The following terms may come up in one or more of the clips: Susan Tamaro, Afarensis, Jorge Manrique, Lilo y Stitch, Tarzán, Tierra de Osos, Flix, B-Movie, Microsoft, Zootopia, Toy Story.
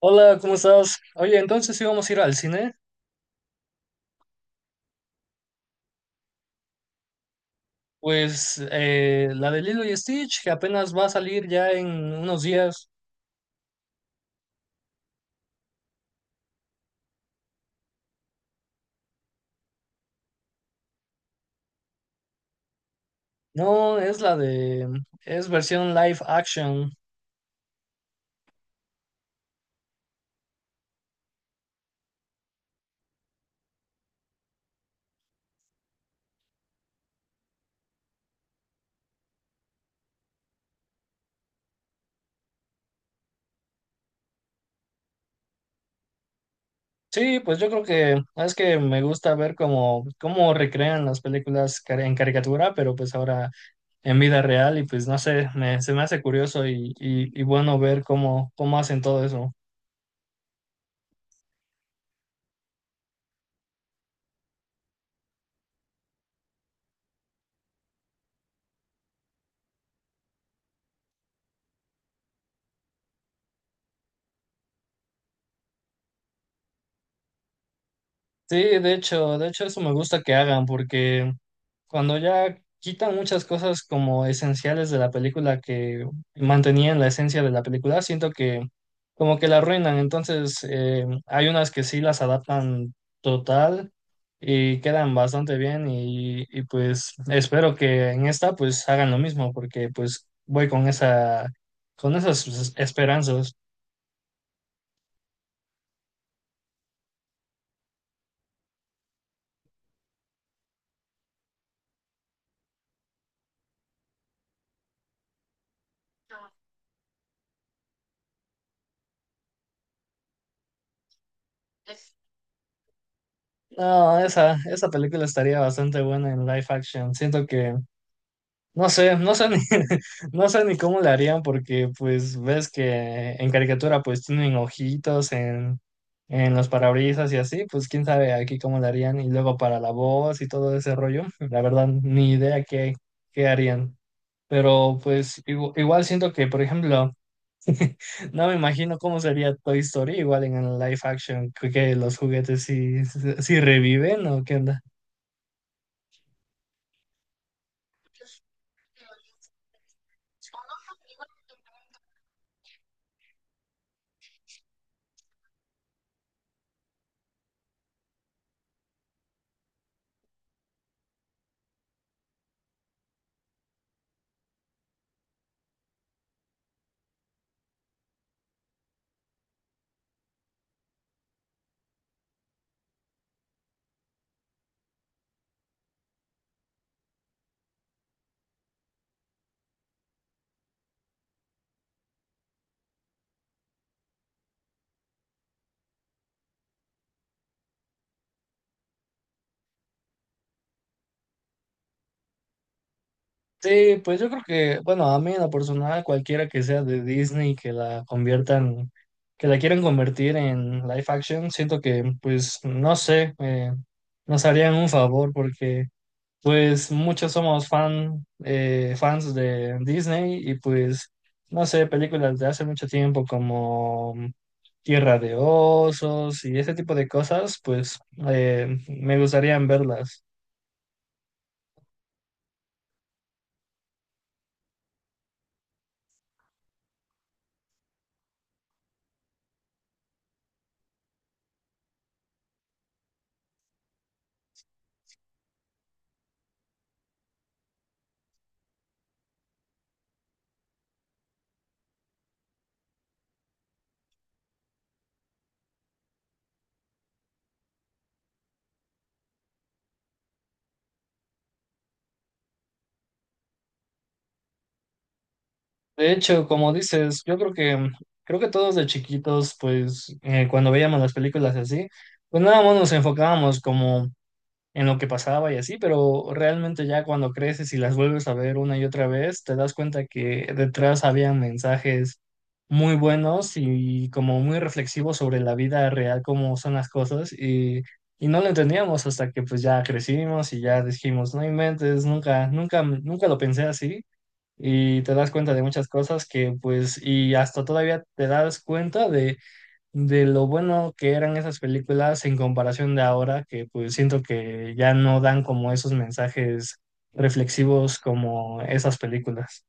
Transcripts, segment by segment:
Hola, ¿cómo estás? Oye, entonces íbamos a ir al cine. Pues la de Lilo y Stitch, que apenas va a salir ya en unos días. No, es la de... es versión live action. Sí, pues yo creo que es que me gusta ver cómo recrean las películas en caricatura, pero pues ahora en vida real y pues no sé, se me hace curioso y bueno ver cómo hacen todo eso. Sí, de hecho eso me gusta que hagan porque cuando ya quitan muchas cosas como esenciales de la película que mantenían la esencia de la película, siento que como que la arruinan. Entonces, hay unas que sí las adaptan total y quedan bastante bien y pues espero que en esta pues hagan lo mismo porque pues voy con esa, con esas esperanzas. No, esa película estaría bastante buena en live action. Siento que no sé, no sé ni, no sé ni cómo le harían porque pues ves que en caricatura pues tienen ojitos en los parabrisas y así, pues quién sabe aquí cómo le harían y luego para la voz y todo ese rollo, la verdad ni idea qué, qué harían. Pero pues igual siento que, por ejemplo, no me imagino cómo sería Toy Story igual en el live action, que los juguetes sí, sí reviven o qué onda. Sí, pues yo creo que, bueno, a mí en lo personal, cualquiera que sea de Disney que la conviertan, que la quieran convertir en live action, siento que, pues, no sé, nos harían un favor porque, pues, muchos somos fans de Disney y, pues, no sé, películas de hace mucho tiempo como Tierra de Osos y ese tipo de cosas, pues, me gustaría verlas. De hecho, como dices, yo creo que creo que todos de chiquitos, pues cuando veíamos las películas así, pues nada más nos enfocábamos como en lo que pasaba y así, pero realmente ya cuando creces y las vuelves a ver una y otra vez, te das cuenta que detrás había mensajes muy buenos y como muy reflexivos sobre la vida real, cómo son las cosas y no lo entendíamos hasta que pues ya crecimos y ya dijimos, no inventes, nunca, nunca, nunca lo pensé así y te das cuenta de muchas cosas que pues y hasta todavía te das cuenta de lo bueno que eran esas películas en comparación de ahora que pues siento que ya no dan como esos mensajes reflexivos como esas películas.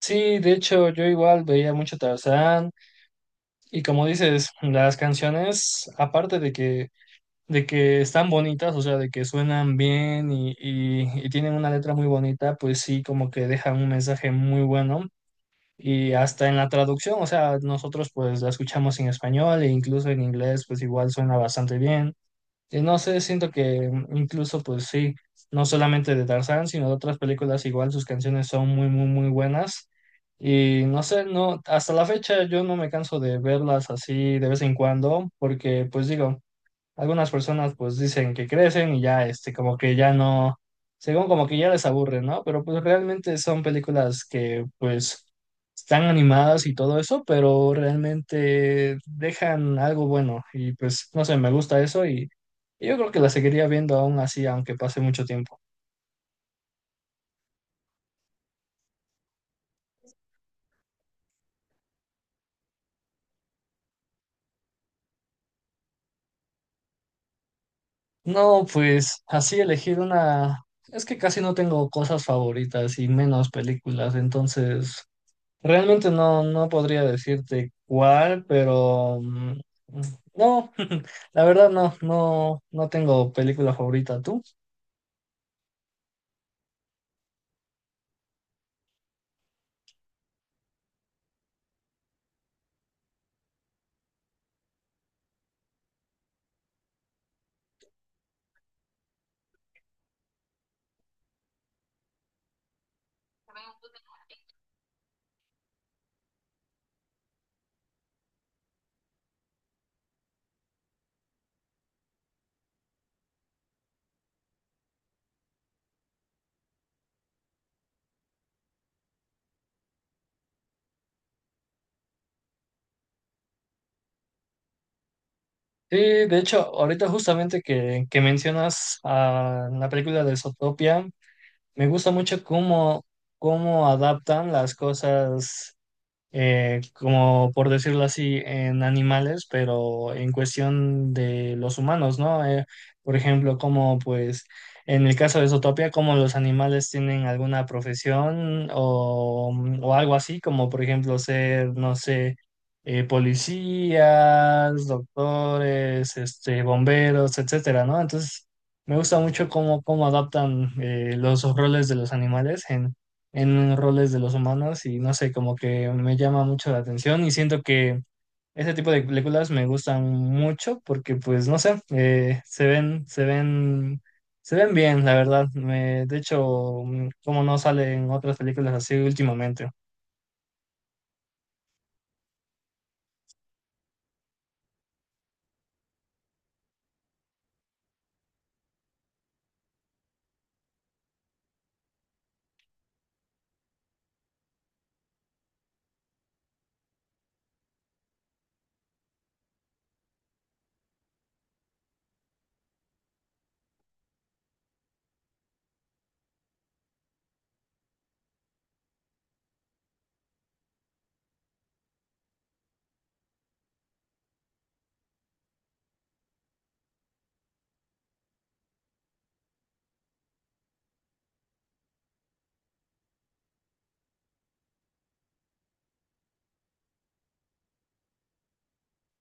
Sí, de hecho yo igual veía mucho Tarzán y como dices, las canciones aparte de que están bonitas, o sea, de que suenan bien y tienen una letra muy bonita, pues sí, como que dejan un mensaje muy bueno. Y hasta en la traducción, o sea, nosotros pues la escuchamos en español e incluso en inglés pues igual suena bastante bien. Y no sé, siento que incluso pues sí, no solamente de Tarzán, sino de otras películas igual sus canciones son muy, muy, muy buenas. Y no sé, no, hasta la fecha yo no me canso de verlas así de vez en cuando, porque pues digo, algunas personas pues dicen que crecen y ya, este, como que ya no, según como que ya les aburre, ¿no? Pero pues realmente son películas que pues están animadas y todo eso, pero realmente dejan algo bueno y pues no sé, me gusta eso y yo creo que la seguiría viendo aún así, aunque pase mucho tiempo. No, pues así elegir una, es que casi no tengo cosas favoritas y menos películas, entonces... Realmente no, no podría decirte cuál, pero no, la verdad no, no, no tengo película favorita. ¿Tú? Sí, de hecho, ahorita justamente que mencionas a la película de Zootopia, me gusta mucho cómo adaptan las cosas como por decirlo así, en animales, pero en cuestión de los humanos, ¿no? Por ejemplo, como pues en el caso de Zootopia, como los animales tienen alguna profesión o, o algo así, como por ejemplo ser, no sé, policías, doctores, este, bomberos, etcétera, ¿no? Entonces, me gusta mucho cómo adaptan los roles de los animales en roles de los humanos y no sé, como que me llama mucho la atención y siento que ese tipo de películas me gustan mucho porque pues no sé, se ven bien, la verdad. Me, de hecho, como no salen otras películas así últimamente.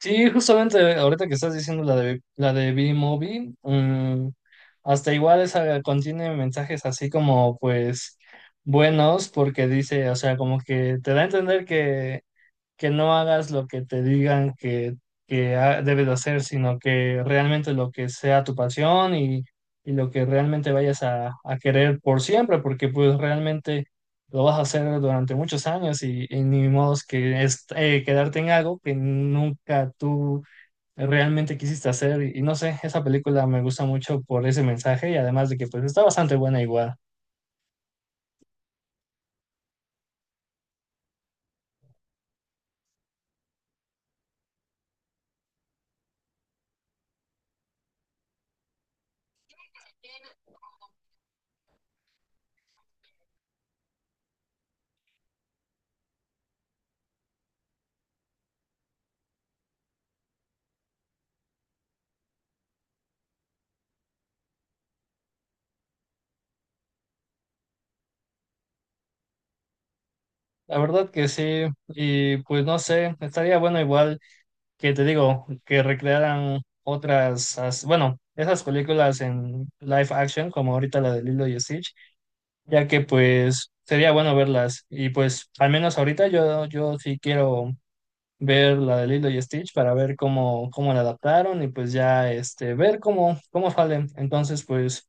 Sí, justamente ahorita que estás diciendo la de B-Movie, hasta igual esa contiene mensajes así como pues buenos porque dice, o sea, como que te da a entender que no hagas lo que te digan que debes de hacer, sino que realmente lo que sea tu pasión y lo que realmente vayas a querer por siempre, porque pues realmente lo vas a hacer durante muchos años y ni modo que es, quedarte en algo que nunca tú realmente quisiste hacer. Y no sé, esa película me gusta mucho por ese mensaje y además de que pues está bastante buena igual. La verdad que sí, y pues no sé, estaría bueno igual que te digo, que recrearan otras, bueno, esas películas en live action, como ahorita la de Lilo y Stitch, ya que pues sería bueno verlas. Y pues al menos ahorita yo sí quiero ver la de Lilo y Stitch para ver cómo la adaptaron y pues ya este, ver cómo salen. Entonces, pues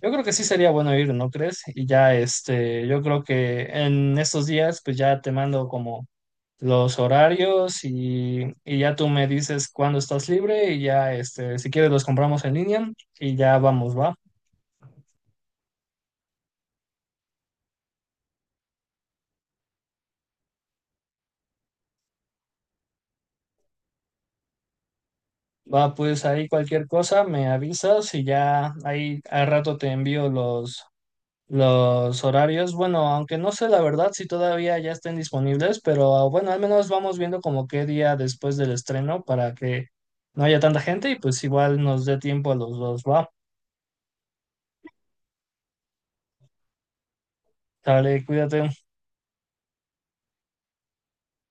yo creo que sí sería bueno ir, ¿no crees? Y ya este, yo creo que en estos días pues ya te mando como los horarios y ya tú me dices cuándo estás libre y ya, este, si quieres los compramos en línea y ya vamos, va. Va, pues ahí cualquier cosa me avisas y ya ahí al rato te envío los horarios. Bueno, aunque no sé la verdad si todavía ya estén disponibles, pero bueno, al menos vamos viendo como qué día después del estreno para que no haya tanta gente y pues igual nos dé tiempo a los dos, va. Dale, cuídate.